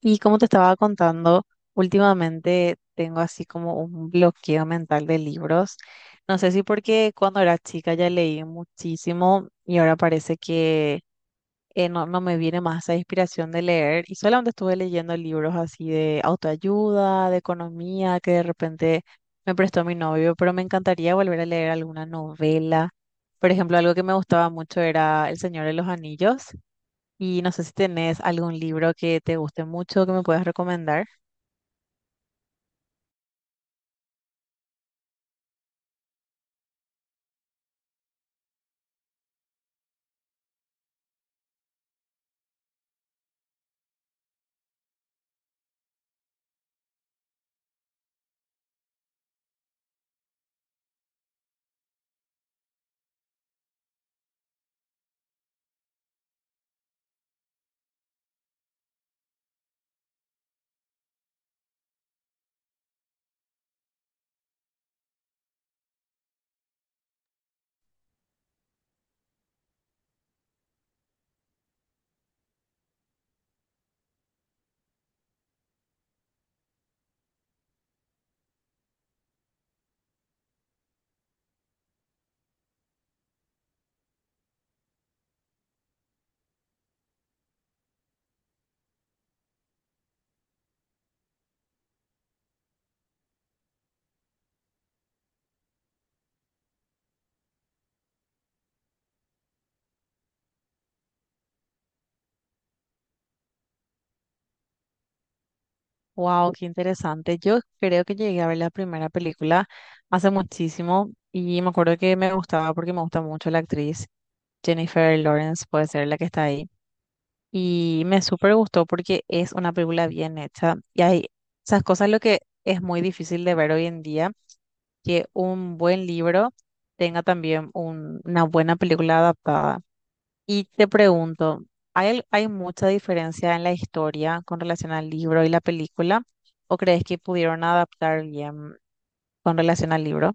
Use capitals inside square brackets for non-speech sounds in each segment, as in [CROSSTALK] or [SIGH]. Y como te estaba contando, últimamente tengo así como un bloqueo mental de libros. No sé si porque cuando era chica ya leí muchísimo y ahora parece que no me viene más esa inspiración de leer y solamente estuve leyendo libros así de autoayuda, de economía, que de repente me prestó mi novio, pero me encantaría volver a leer alguna novela. Por ejemplo, algo que me gustaba mucho era El Señor de los Anillos y no sé si tenés algún libro que te guste mucho que me puedas recomendar. Wow, qué interesante. Yo creo que llegué a ver la primera película hace muchísimo y me acuerdo que me gustaba porque me gusta mucho la actriz Jennifer Lawrence, puede ser la que está ahí. Y me súper gustó porque es una película bien hecha y hay esas cosas lo que es muy difícil de ver hoy en día, que un buen libro tenga también una buena película adaptada. Y te pregunto, ¿hay, hay mucha diferencia en la historia con relación al libro y la película? ¿O crees que pudieron adaptar bien con relación al libro?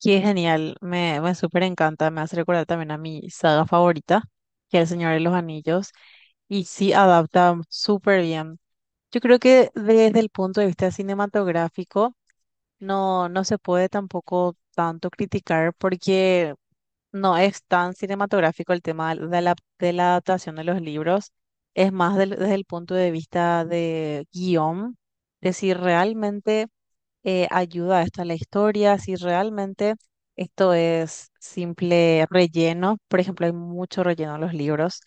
Qué genial, me súper encanta, me hace recordar también a mi saga favorita, que es El Señor de los Anillos, y sí adapta súper bien. Yo creo que desde el punto de vista cinematográfico no se puede tampoco tanto criticar porque no es tan cinematográfico el tema de de la adaptación de los libros, es más desde el punto de vista de guión, de si realmente ayuda esto a la historia, si realmente esto es simple relleno. Por ejemplo, hay mucho relleno en los libros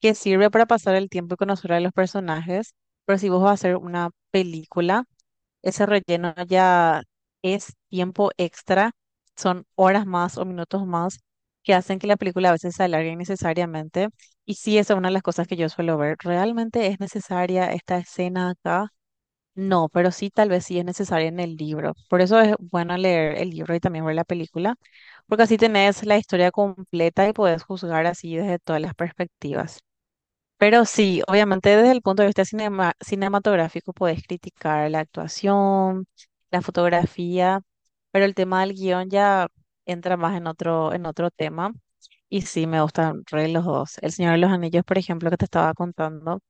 que sirve para pasar el tiempo y conocer a los personajes, pero si vos vas a hacer una película ese relleno ya es tiempo extra, son horas más o minutos más que hacen que la película a veces se alargue innecesariamente. Y sí, esa es una de las cosas que yo suelo ver. ¿Realmente es necesaria esta escena acá? No, pero sí, tal vez sí es necesaria en el libro. Por eso es bueno leer el libro y también ver la película, porque así tenés la historia completa y podés juzgar así desde todas las perspectivas. Pero sí, obviamente desde el punto de vista cinematográfico podés criticar la actuación, la fotografía, pero el tema del guión ya entra más en en otro tema. Y sí, me gustan re los dos. El Señor de los Anillos, por ejemplo, que te estaba contando,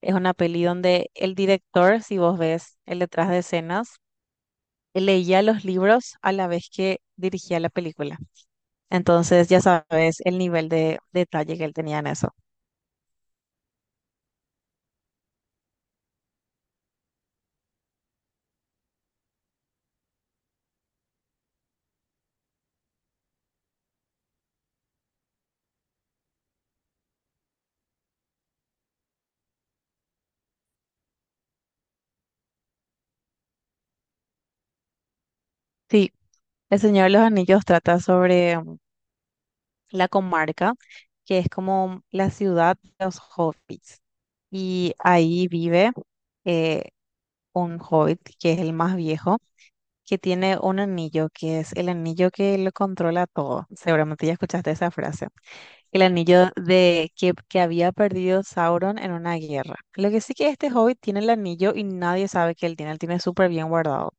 es una peli donde el director, si vos ves el detrás de escenas, él leía los libros a la vez que dirigía la película. Entonces, ya sabes el nivel de detalle que él tenía en eso. Sí, El Señor de los Anillos trata sobre la comarca, que es como la ciudad de los hobbits. Y ahí vive eh, un hobbit, que es el más viejo, que tiene un anillo, que es el anillo que lo controla todo. Seguramente ya escuchaste esa frase. El anillo que había perdido Sauron en una guerra. Lo que sí que este hobbit tiene el anillo y nadie sabe que él tiene. Él tiene súper bien guardado,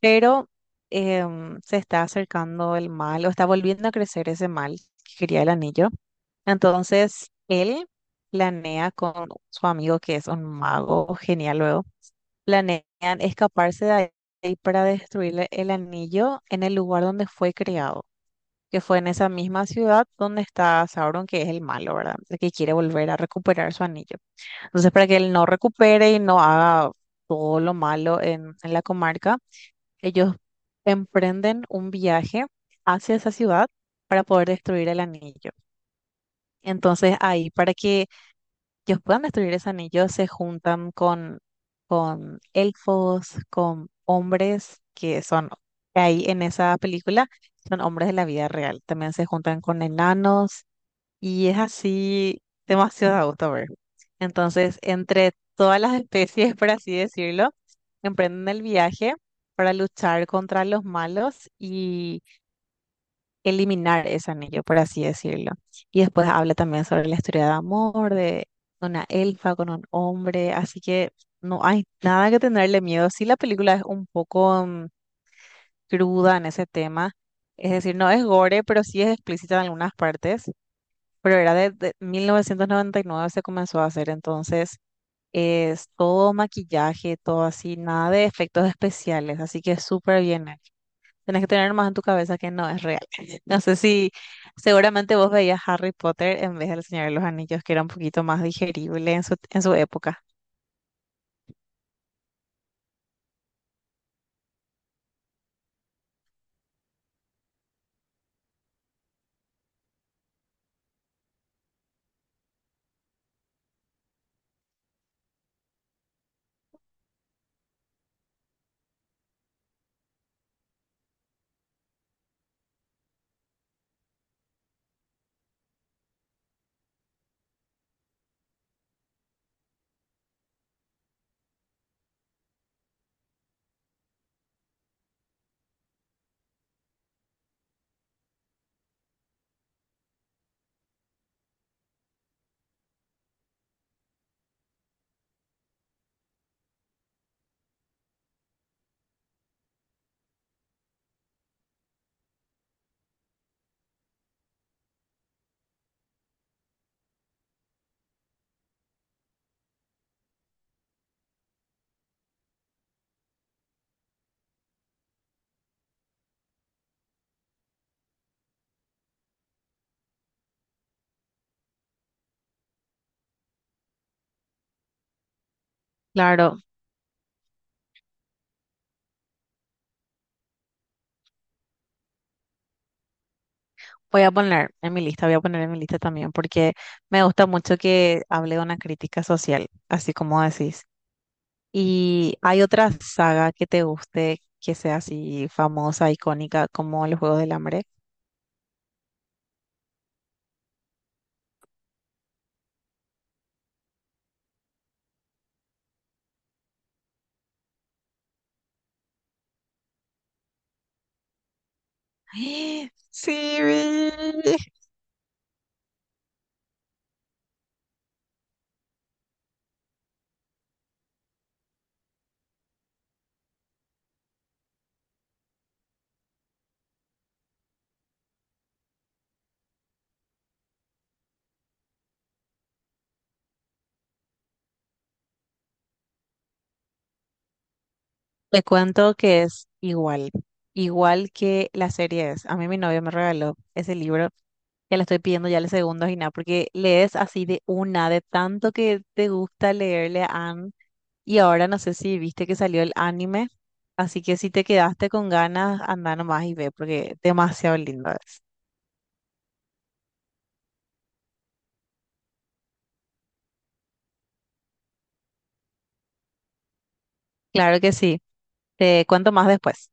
pero se está acercando el mal o está volviendo a crecer ese mal que quería el anillo. Entonces, él planea con su amigo, que es un mago genial luego, planean escaparse de ahí para destruirle el anillo en el lugar donde fue creado, que fue en esa misma ciudad donde está Sauron, que es el malo, ¿verdad? El que quiere volver a recuperar su anillo. Entonces, para que él no recupere y no haga todo lo malo en la comarca, ellos emprenden un viaje hacia esa ciudad para poder destruir el anillo. Entonces ahí, para que ellos puedan destruir ese anillo, se juntan con elfos, con hombres que son, que ahí en esa película, son hombres de la vida real. También se juntan con enanos y es así demasiado a gusto ver. Entonces, entre todas las [LAUGHS] especies, por así decirlo, emprenden el viaje para luchar contra los malos y eliminar ese anillo, por así decirlo. Y después habla también sobre la historia de amor, de una elfa con un hombre, así que no hay nada que tenerle miedo. Sí, la película es un poco cruda en ese tema, es decir, no es gore, pero sí es explícita en algunas partes. Pero era de 1999 se comenzó a hacer, entonces es todo maquillaje, todo así, nada de efectos especiales, así que es súper bien hecho. Tienes que tener más en tu cabeza que no es real. [LAUGHS] No sé si seguramente vos veías Harry Potter en vez del Señor de los Anillos, que era un poquito más digerible en en su época. Claro, voy a poner en mi lista, voy a poner en mi lista también, porque me gusta mucho que hable de una crítica social, así como decís. ¿Y hay otra saga que te guste, que sea así famosa, icónica, como Los Juegos del Hambre? [GASPS] Sí, vi. Te cuento que es igual, igual que la serie es. A mí mi novio me regaló ese libro, ya le estoy pidiendo ya el segundo y nada, porque lees así de una, de tanto que te gusta leerle a Anne. Y ahora no sé si viste que salió el anime, así que si te quedaste con ganas, anda nomás y ve, porque demasiado lindo es. Claro que sí, te cuento más después.